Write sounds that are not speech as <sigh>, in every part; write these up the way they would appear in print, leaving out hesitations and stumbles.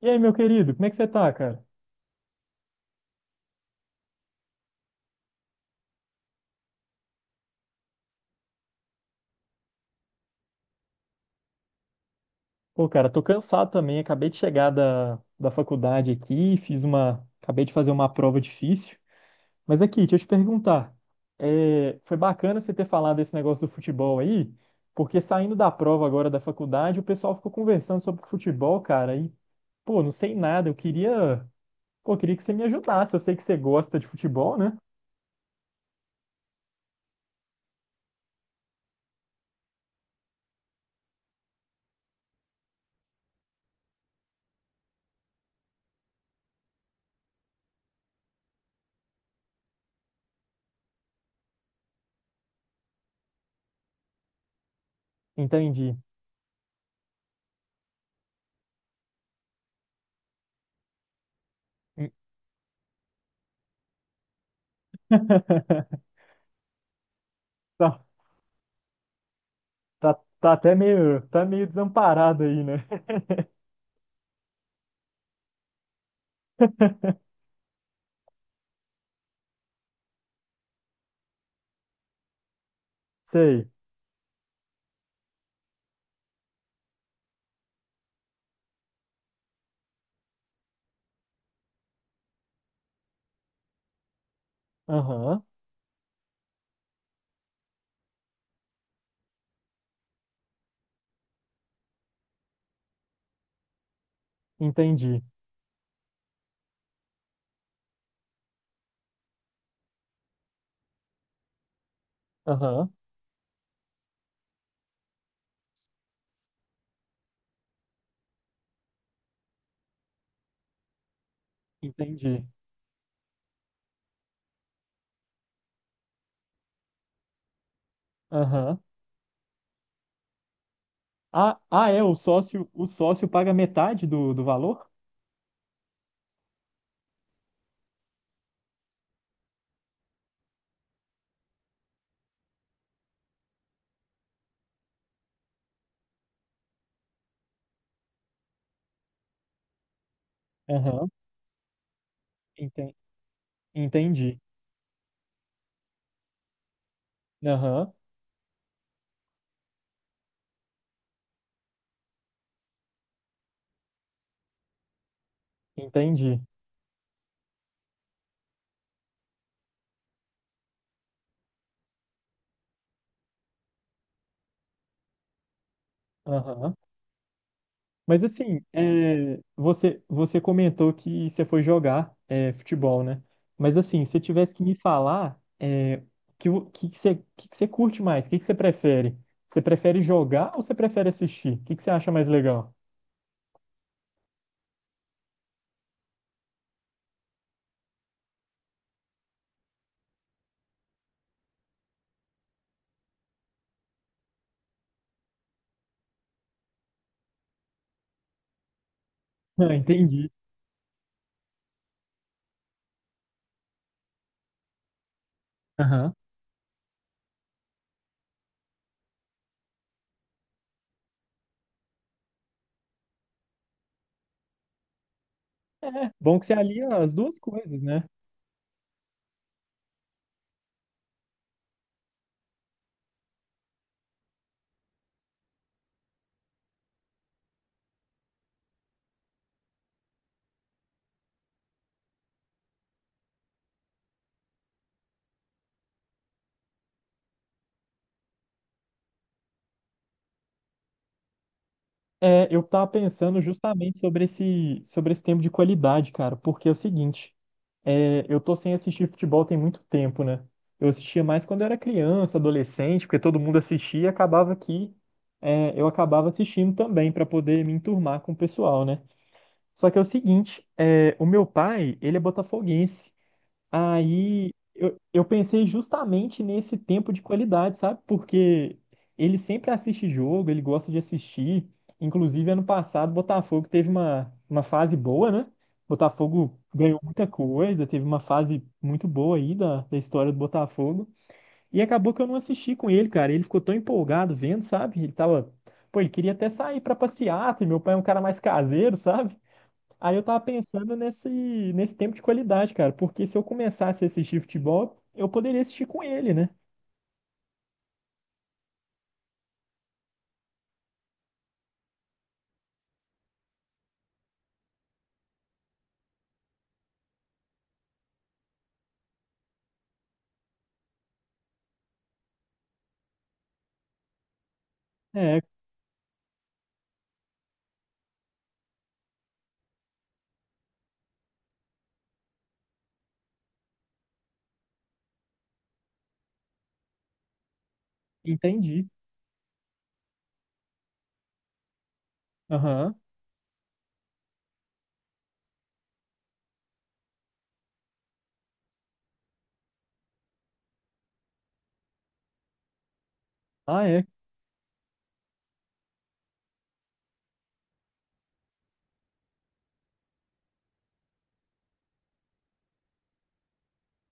E aí, meu querido, como é que você tá, cara? Pô, cara, tô cansado também. Acabei de chegar da faculdade aqui, fiz uma. Acabei de fazer uma prova difícil. Mas aqui, deixa eu te perguntar. Foi bacana você ter falado esse negócio do futebol aí, porque saindo da prova agora da faculdade, o pessoal ficou conversando sobre futebol, cara, e, pô, não sei nada. Eu queria. Pô, eu queria que você me ajudasse. Eu sei que você gosta de futebol, né? Entendi. <laughs> Tá, tá, tá até meio, tá meio desamparado aí, né? <laughs> Sei. Aham. Entendi. Aham. Entendi. Aham. Ah, ah, é, o sócio paga metade do valor? Aham. Enten- Entendi. Aham. Entendi. Aham. Mas assim, você, você comentou que você foi jogar futebol, né? Mas assim, se tivesse que me falar, é, que, o que você curte mais? O que, que você prefere? Você prefere jogar ou você prefere assistir? O que, que você acha mais legal? <laughs> Ah, entendi. Aham. É, bom que você alia as duas coisas, né? É, eu tava pensando justamente sobre esse tempo de qualidade, cara, porque é o seguinte, é, eu tô sem assistir futebol tem muito tempo, né? Eu assistia mais quando eu era criança, adolescente, porque todo mundo assistia e acabava que eu acabava assistindo também pra poder me enturmar com o pessoal, né? Só que é o seguinte, é, o meu pai, ele é botafoguense. Aí eu pensei justamente nesse tempo de qualidade, sabe? Porque ele sempre assiste jogo, ele gosta de assistir. Inclusive, ano passado, Botafogo teve uma fase boa, né? Botafogo ganhou muita coisa, teve uma fase muito boa aí da história do Botafogo. E acabou que eu não assisti com ele, cara. Ele ficou tão empolgado vendo, sabe? Ele tava. Pô, ele queria até sair pra passeata, e meu pai é um cara mais caseiro, <laughs> sabe? Aí eu tava pensando nesse, nesse tempo de qualidade, cara, porque se eu começasse a assistir futebol, eu poderia assistir com ele, né? É, entendi. Aham. Ah, é.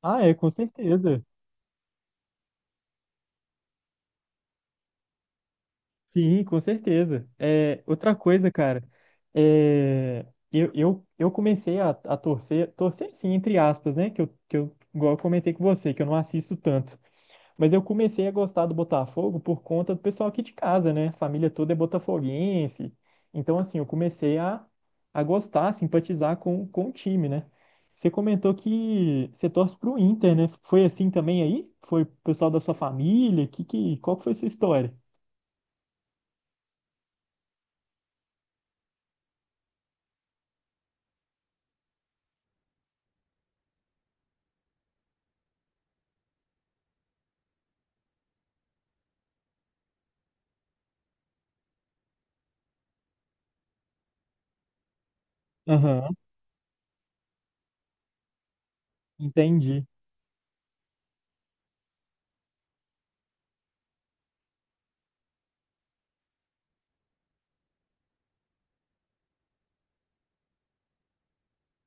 Ah, é, com certeza. Sim, com certeza. É, outra coisa, cara, é, eu comecei a torcer, torcer sim, entre aspas, né? Que eu, igual eu comentei com você, que eu não assisto tanto. Mas eu comecei a gostar do Botafogo por conta do pessoal aqui de casa, né? A família toda é botafoguense. Então, assim, eu comecei a gostar, a simpatizar com o time, né? Você comentou que você torce pro Inter, né? Foi assim também aí? Foi o pessoal da sua família? Que, qual que foi a sua história? Aham, entendi,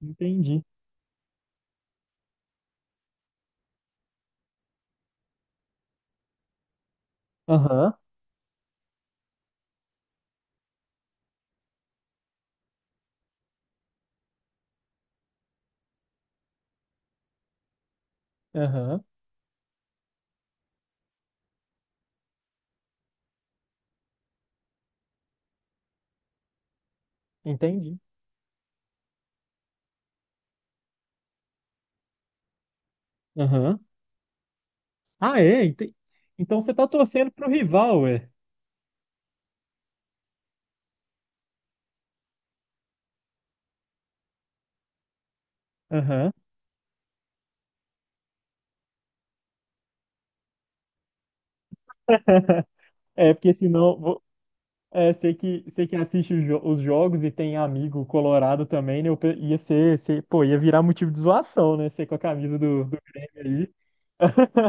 entendi. Aham, aham, entendi. Aham. Ah, é? Então você tá torcendo pro rival, é? Aham. É, porque senão. É, sei que assiste os, os jogos e tem amigo colorado também, né? Ia ser, pô, ia virar motivo de zoação, né? Ser com a camisa do Grêmio aí. <laughs>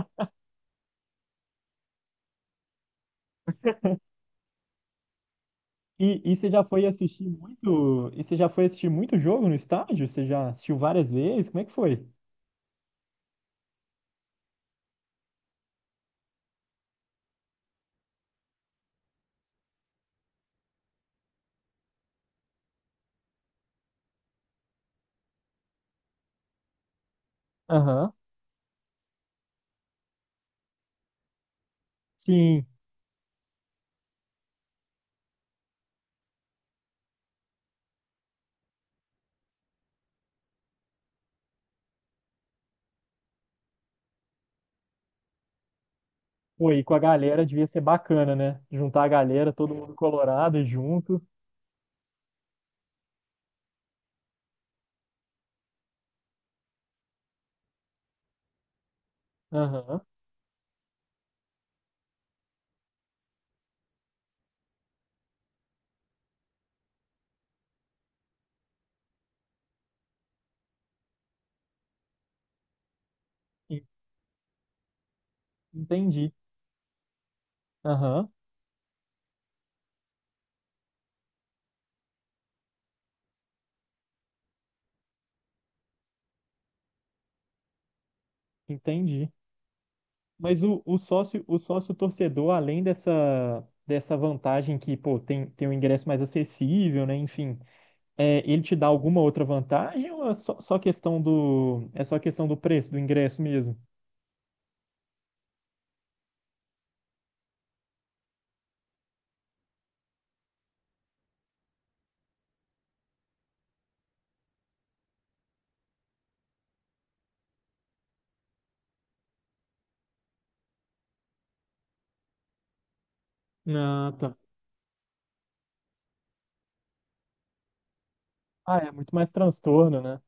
E, e você já foi assistir muito, e você já foi assistir muito jogo no estádio? Você já assistiu várias vezes? Como é que foi? Aham. Sim, pô, e com a galera devia ser bacana, né? Juntar a galera, todo mundo colorado e junto. Aham. En- Entendi. Aham. Entendi. Mas o sócio torcedor, além dessa, dessa vantagem que, pô, tem, tem um ingresso mais acessível, né? Enfim, é, ele te dá alguma outra vantagem ou é só, só questão do, é só questão do preço do ingresso mesmo? Ah, tá. Ah, é muito mais transtorno, né?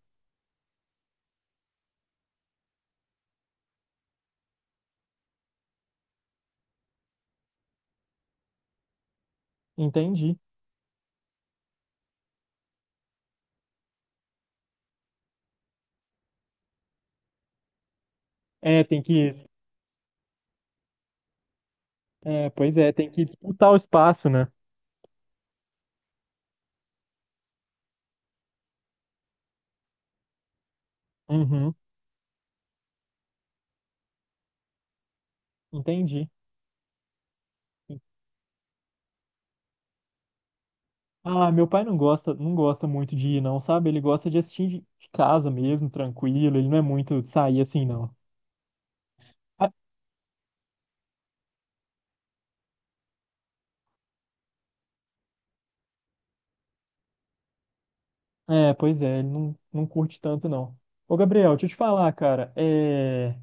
Entendi. É, tem que, é, pois é, tem que disputar o espaço, né? Uhum, entendi. Ah, meu pai não gosta, não gosta muito de ir, não, sabe? Ele gosta de assistir de casa mesmo, tranquilo. Ele não é muito de sair assim, não. É, pois é, ele não, não curte tanto não. Ô, Gabriel, deixa eu te falar, cara, é,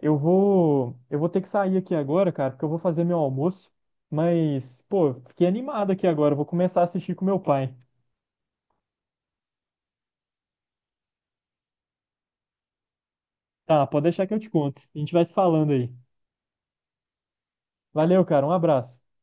eu vou ter que sair aqui agora, cara, porque eu vou fazer meu almoço, mas, pô, fiquei animado aqui agora, eu vou começar a assistir com meu pai. Tá, pode deixar que eu te conto. A gente vai se falando aí. Valeu, cara, um abraço.